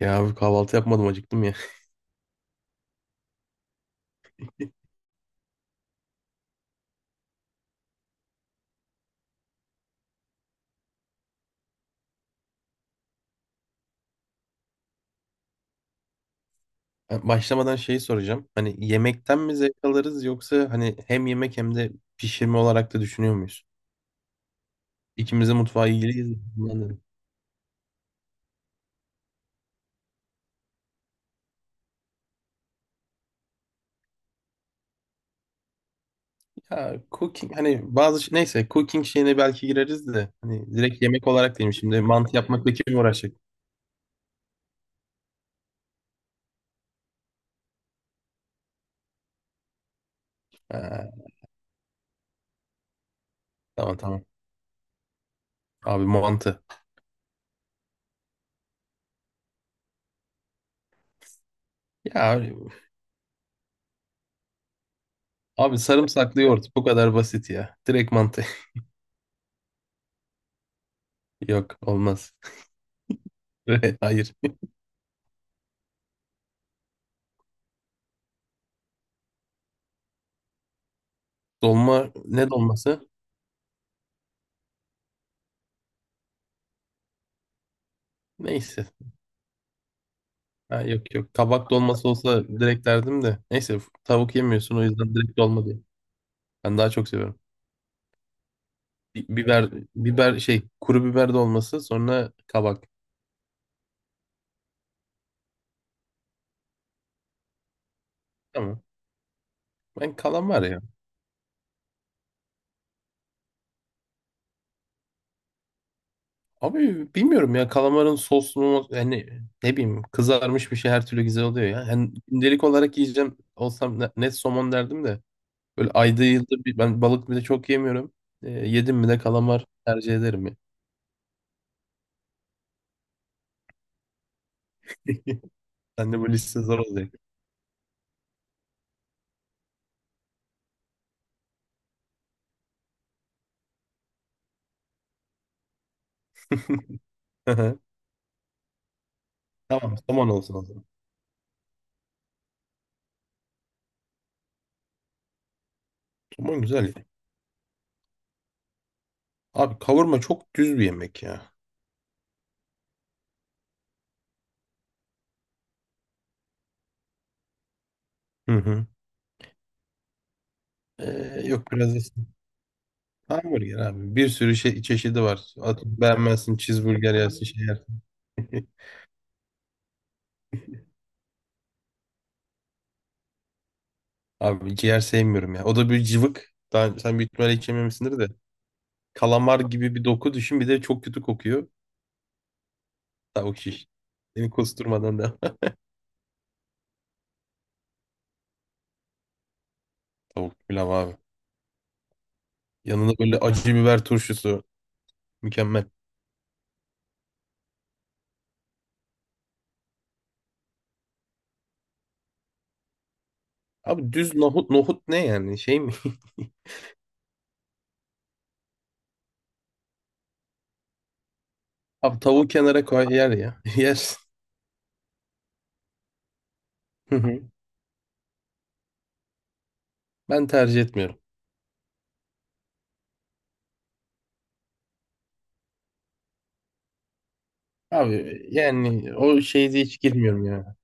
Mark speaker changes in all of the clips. Speaker 1: Ya abi, kahvaltı yapmadım, acıktım ya. Ben başlamadan şeyi soracağım. Hani yemekten mi zevk alırız, yoksa hani hem yemek hem de pişirme olarak da düşünüyor muyuz? İkimiz de mutfağa ilgiliyiz. Bundan dedim. Ya cooking, hani bazı şey- neyse cooking şeyine belki gireriz de hani direkt yemek olarak diyeyim, şimdi mantı yapmakla kim uğraşacak? Ha, tamam. Abi mantı. Ya abi, abi sarımsaklı yoğurt, bu kadar basit ya. Direkt mantı. Yok, olmaz. Hayır. Dolma, ne dolması? Neyse. Ha, yok yok. Kabak dolması olsa direkt derdim de. Neyse, tavuk yemiyorsun, o yüzden direkt dolma diye. Ben daha çok seviyorum. Biber, kuru biber dolması, sonra kabak. Tamam. Ben kalamar ya. Abi bilmiyorum ya, kalamarın soslu, yani ne bileyim kızarmış bir şey her türlü güzel oluyor ya. Yani gündelik olarak yiyeceğim olsam, net somon derdim de. Böyle ayda yılda bir, ben balık bile çok yemiyorum. Yedim mi de kalamar tercih ederim ya. Sen de bu liste zor olacak. Tamam, somon olsun o zaman. Aman güzel ya. Abi kavurma çok düz bir yemek ya. Hı hı. Yok, biraz da hamburger abi. Bir sürü çeşidi var. At, beğenmezsin cheeseburger yersin, şey yersin. Abi ciğer sevmiyorum ya. O da bir cıvık. Daha, sen büyük ihtimalle hiç yememişsindir de. Kalamar gibi bir doku düşün, bir de çok kötü kokuyor. Tavuk şiş. Seni kusturmadan da. Tavuk pilav abi. Yanında böyle acı biber turşusu. Mükemmel. Abi düz nohut ne yani, şey mi? Abi tavuğu kenara koy, yer ya. Yersin. Ben tercih etmiyorum. Abi yani o şeye de hiç girmiyorum ya.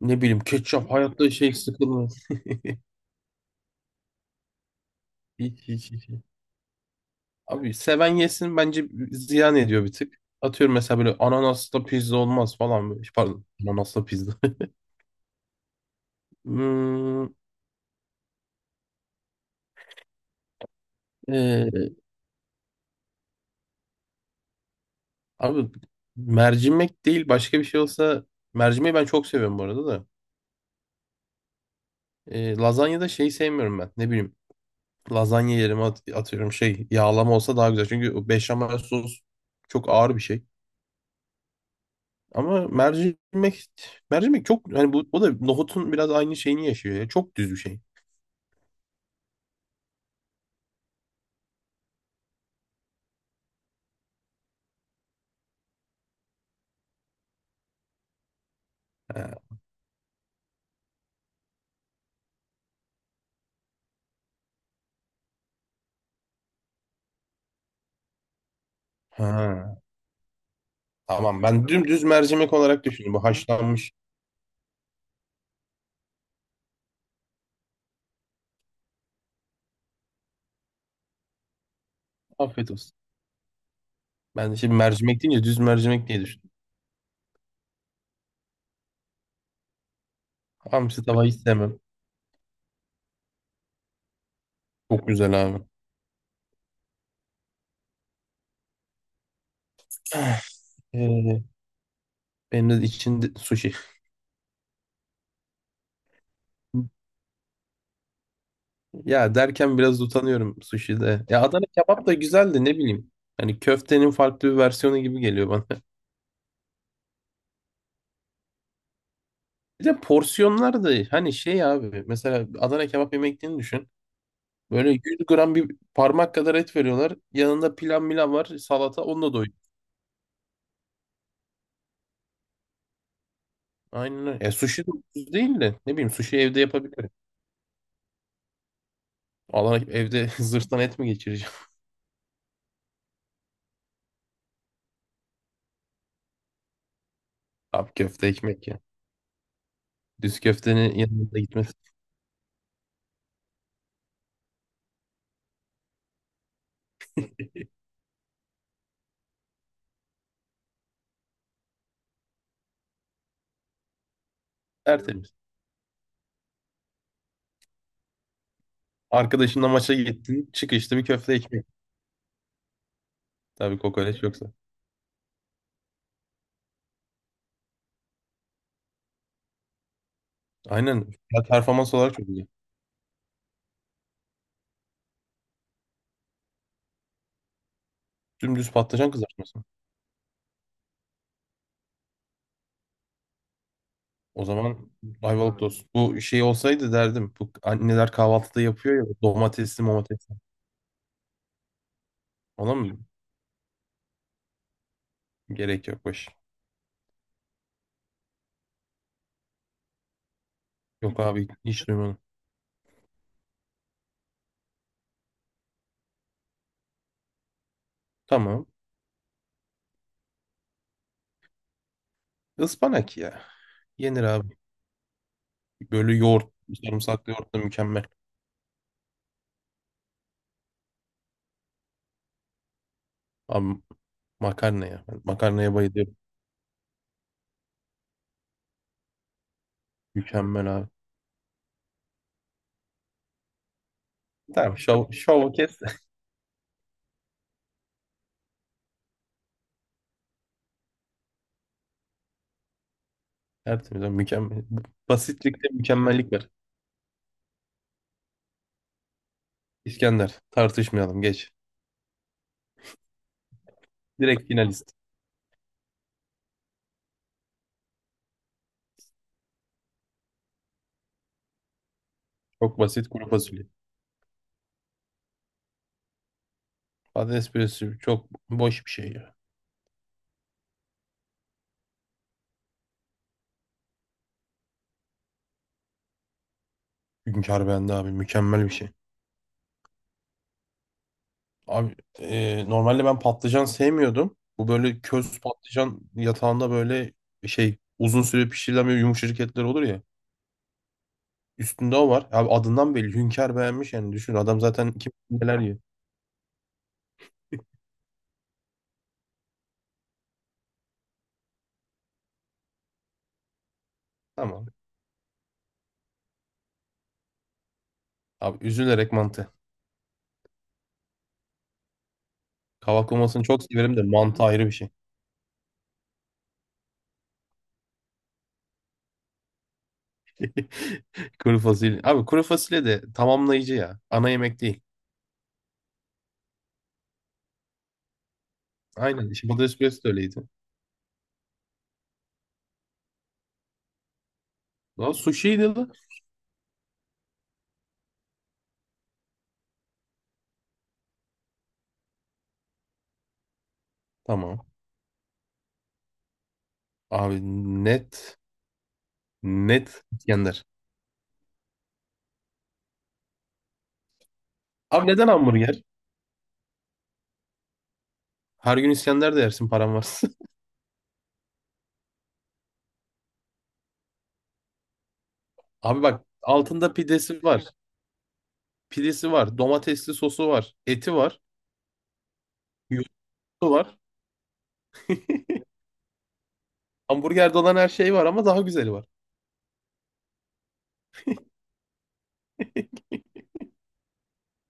Speaker 1: Ne bileyim, ketçap hayatta şey sıkılmaz. Hiç, hiç, hiç. Abi seven yesin bence, ziyan ediyor bir tık. Atıyorum mesela, böyle ananaslı pizza olmaz falan. Böyle. Pardon, ananaslı pizza. Hmm, e, abi mercimek değil başka bir şey olsa, mercimeği ben çok seviyorum bu arada da. E, lazanyada şeyi sevmiyorum ben. Ne bileyim, lazanya yerime atıyorum şey yağlama olsa daha güzel. Çünkü o beşamel sos çok ağır bir şey. Ama mercimek çok hani, bu o da nohutun biraz aynı şeyini yaşıyor ya. Çok düz bir şey. Ha, ha. Tamam, ben dümdüz mercimek olarak düşündüm. Bu haşlanmış. Afiyet olsun. Ben de şimdi mercimek deyince düz mercimek diye düşündüm. Hamsi tavayı sevmem. Çok güzel abi. Ee, Benim de içinde sushi. Ya derken biraz utanıyorum sushi'de. Ya Adana kebap da güzeldi, ne bileyim. Hani köftenin farklı bir versiyonu gibi geliyor bana. Bir de porsiyonlar da, hani şey abi. Mesela Adana kebap yemek yediğini düşün. Böyle 100 gram, bir parmak kadar et veriyorlar. Yanında pilav milav var. Salata, onunla doyuyor. Aynen öyle. E sushi de ucuz değil de. Ne bileyim, sushi evde yapabilirim. Allah, evde zırhtan et mi geçireceğim? Abi köfte ekmek ya. Düz köftenin yanında gitmesi tertemiz. Arkadaşınla maça gittin. Çık işte bir köfte ekmek. Tabii kokoreç yoksa. Aynen. Ya performans olarak çok iyi. Dümdüz patlıcan kızartması. O zaman Ayvalık tost. Bu şey olsaydı derdim. Bu anneler kahvaltıda yapıyor ya. Domatesli momatesli. Ona mı, gerek yok, boş. Yok abi, hiç duymadım. Tamam. Ispanak ya. Yenir abi. Böyle yoğurt, sarımsaklı yoğurt da mükemmel. Abi makarna ya. Ben makarnaya bayılıyorum. Mükemmel abi. Tamam, şovu kes. Tertemiz abi, mükemmel. Basitlikte mükemmellik var. İskender, tartışmayalım, geç. Direkt finalist. Çok basit, kuru fasulye. Patates püresi çok boş bir şey ya. Hünkar bende abi, mükemmel bir şey. Abi normalde ben patlıcan sevmiyordum. Bu böyle köz patlıcan yatağında böyle uzun süre pişirilen böyle yumuşacık etler olur ya. Üstünde o var. Abi adından belli. Hünkar beğenmiş yani, düşün. Adam zaten kim bilir neler yiyor. Tamam. Abi, üzülerek mantı. Kavaklamasını çok severim de mantı ayrı bir şey. Kuru fasulye. Abi kuru fasulye de tamamlayıcı ya. Ana yemek değil. Aynen. İşte patates püresi de öyleydi. Lan sushi'ydi lan. Tamam. Abi net. Net İskender. Abi neden hamburger? Her gün İskender de yersin, param varsa. Abi bak, altında pidesi var. Pidesi var. Domatesli sosu var. Eti var. Yoğurdu var. Hamburgerde olan her şey var, ama daha güzeli var.